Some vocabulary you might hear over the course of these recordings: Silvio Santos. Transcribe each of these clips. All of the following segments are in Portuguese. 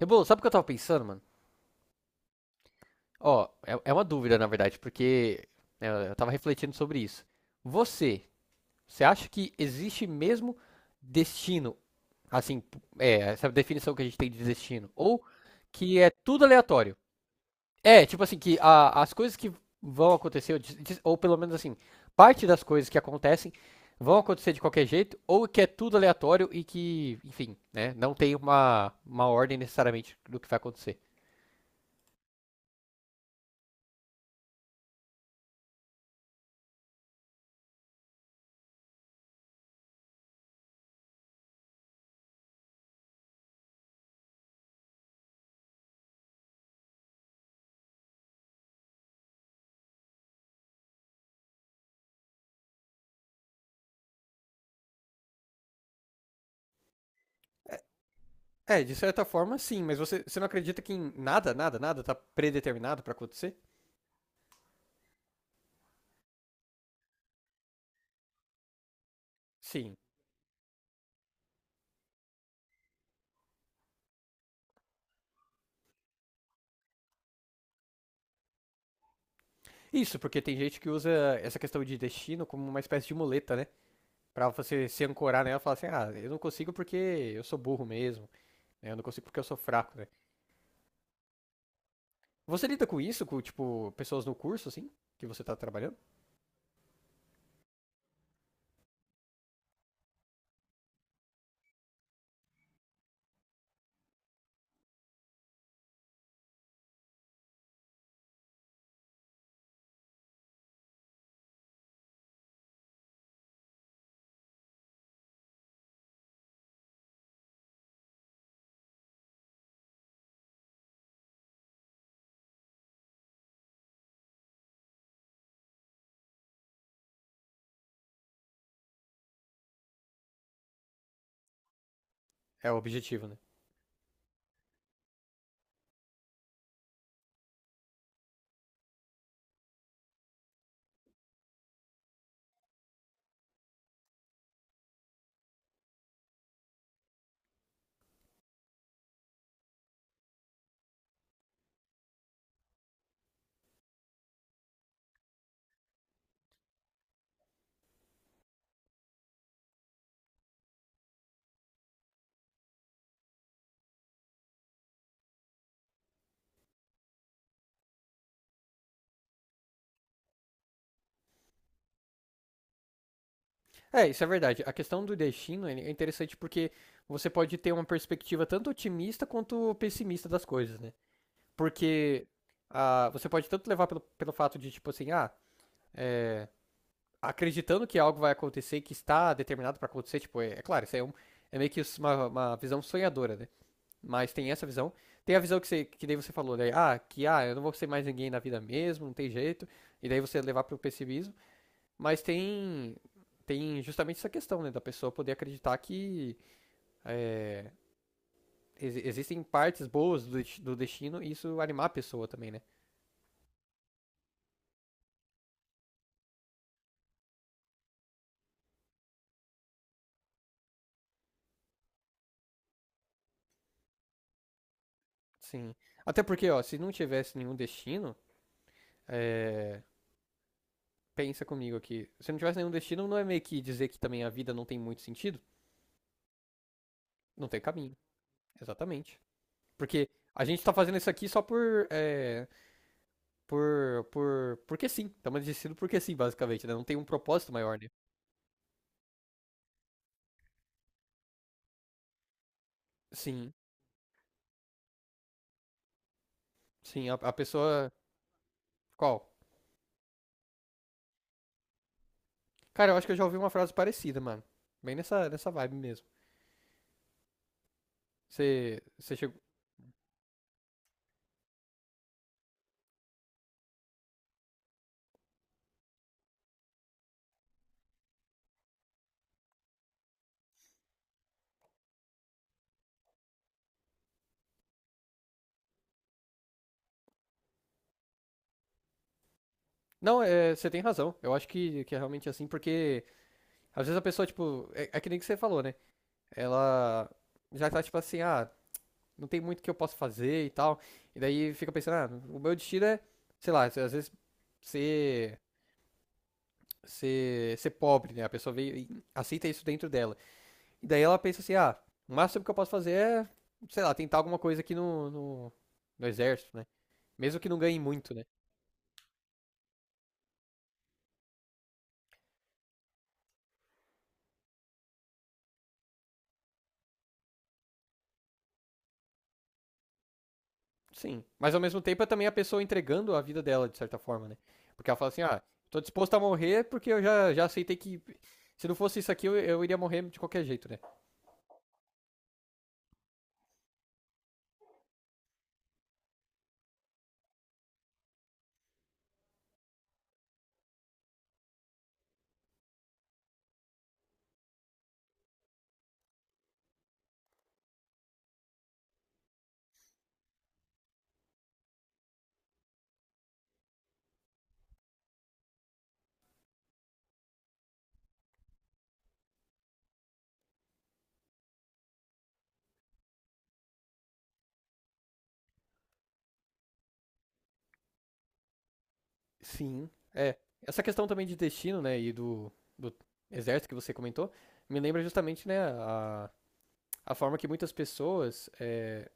Rebolo, sabe o que eu tava pensando, mano? Ó, é uma dúvida, na verdade, porque né, eu tava refletindo sobre isso. Você, você acha que existe mesmo destino, assim, essa definição que a gente tem de destino, ou que é tudo aleatório? É, tipo assim, que as coisas que vão acontecer, ou ou pelo menos assim, parte das coisas que acontecem vão acontecer de qualquer jeito, ou que é tudo aleatório e que, enfim, né, não tem uma ordem necessariamente do que vai acontecer. É, de certa forma, sim, mas você não acredita que em nada, nada, nada tá predeterminado pra acontecer? Sim. Isso, porque tem gente que usa essa questão de destino como uma espécie de muleta, né? Pra você se ancorar nela e falar assim, ah, eu não consigo porque eu sou burro mesmo, né? Eu não consigo porque eu sou fraco, né? Você lida com isso, com, tipo, pessoas no curso, assim, que você tá trabalhando? É o objetivo, né? É, isso é verdade. A questão do destino ele é interessante porque você pode ter uma perspectiva tanto otimista quanto pessimista das coisas, né? Porque ah, você pode tanto levar pelo fato de, tipo assim, ah, é, acreditando que algo vai acontecer que está determinado para acontecer, tipo, é, é claro, isso é, um, é meio que uma visão sonhadora, né? Mas tem essa visão. Tem a visão que, você, que daí você falou, né? Ah, que ah, eu não vou ser mais ninguém na vida mesmo, não tem jeito. E daí você levar para o pessimismo. Mas tem, tem justamente essa questão, né? Da pessoa poder acreditar que é, existem partes boas do destino e isso animar a pessoa também, né? Sim. Até porque, ó, se não tivesse nenhum destino, é, pensa comigo aqui. Se não tivesse nenhum destino, não é meio que dizer que também a vida não tem muito sentido? Não tem caminho. Exatamente. Porque a gente tá fazendo isso aqui só por. É, por. Por. Porque sim. Estamos decidindo porque sim, basicamente, né? Não tem um propósito maior, né? Sim. Sim, a pessoa. Qual? Cara, eu acho que eu já ouvi uma frase parecida, mano. Bem nessa vibe mesmo. Você. Você chegou. Não, é, você tem razão. Eu acho que é realmente assim, porque às vezes a pessoa, tipo, é, é que nem que você falou, né? Ela já tá tipo assim, ah, não tem muito que eu posso fazer e tal. E daí fica pensando, ah, o meu destino é, sei lá, às vezes ser, ser pobre, né? A pessoa veio e aceita isso dentro dela. E daí ela pensa assim, ah, o máximo que eu posso fazer é, sei lá, tentar alguma coisa aqui no exército, né? Mesmo que não ganhe muito, né? Sim. Mas ao mesmo tempo é também a pessoa entregando a vida dela, de certa forma, né? Porque ela fala assim, ah, tô disposto a morrer porque eu já, já aceitei que. Se não fosse isso aqui, eu iria morrer de qualquer jeito, né? Sim. É. Essa questão também de destino, né? E do exército que você comentou, me lembra justamente, né, a forma que muitas pessoas é,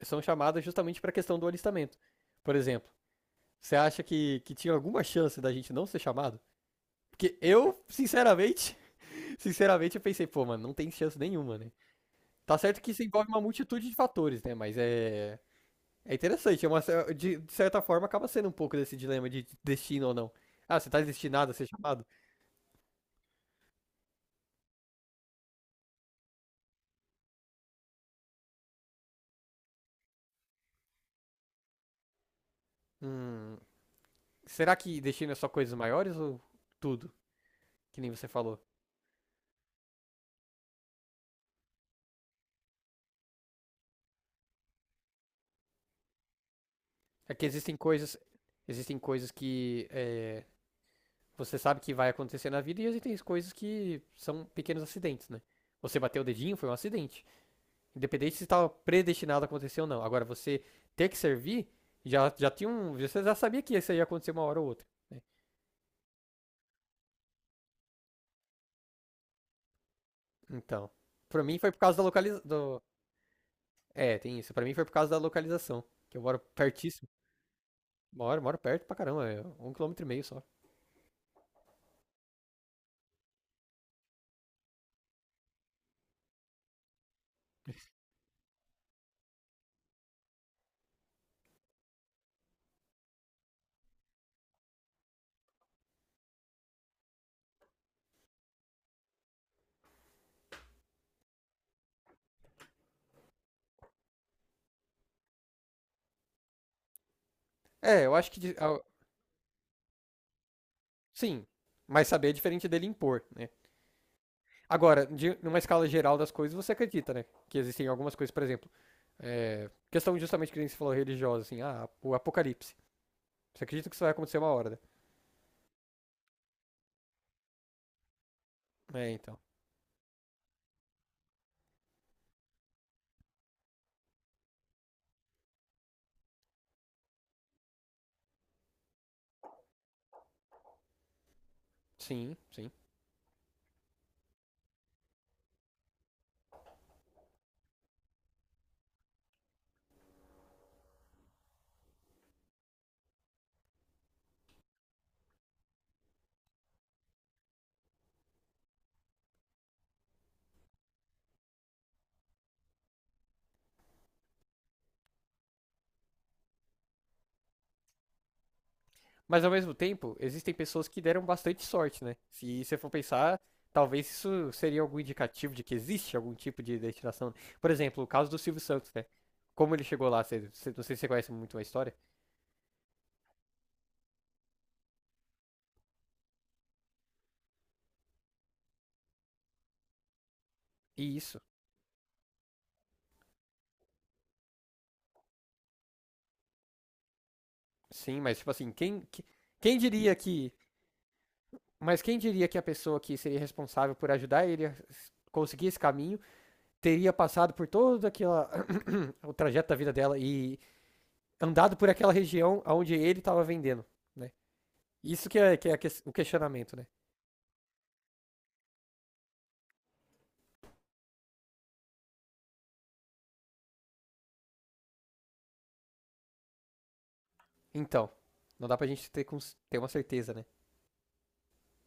são chamadas justamente para a questão do alistamento. Por exemplo, você acha que tinha alguma chance da gente não ser chamado? Porque eu, sinceramente, sinceramente, eu pensei, pô, mano, não tem chance nenhuma, né? Tá certo que isso envolve uma multitude de fatores, né? Mas é. É interessante, é uma, de certa forma acaba sendo um pouco desse dilema de destino ou não. Ah, você tá destinado a ser chamado? Hum, será que destino é só coisas maiores ou tudo? Que nem você falou. É que existem coisas que é, você sabe que vai acontecer na vida e existem coisas que são pequenos acidentes, né? Você bateu o dedinho, foi um acidente. Independente se estava predestinado a acontecer ou não. Agora, você ter que servir, já, já tinha um. Você já sabia que isso ia acontecer uma hora ou outra, né? Então. Pra mim foi por causa da localização. É, tem isso. Pra mim foi por causa da localização. Que eu moro pertíssimo. Moro perto pra caramba. É 1,5 quilômetro só. É, eu acho que. De- ah, sim. Mas saber é diferente dele impor, né? Agora, de, numa escala geral das coisas, você acredita, né? Que existem algumas coisas, por exemplo. É, questão justamente que nem você falou religiosa, assim, ah, o apocalipse. Você acredita que isso vai acontecer uma hora, né? É, então. Sim, sim. Mas ao mesmo tempo, existem pessoas que deram bastante sorte, né? Se você for pensar, talvez isso seria algum indicativo de que existe algum tipo de destinação. Por exemplo, o caso do Silvio Santos, né? Como ele chegou lá, não sei se você conhece muito a história. E isso, sim, mas tipo assim, quem diria que. Mas quem diria que a pessoa que seria responsável por ajudar ele a conseguir esse caminho teria passado por todo aquela, o trajeto da vida dela e andado por aquela região onde ele estava vendendo, né? Isso que é a o questionamento, né? Então, não dá pra gente ter, ter uma certeza, né?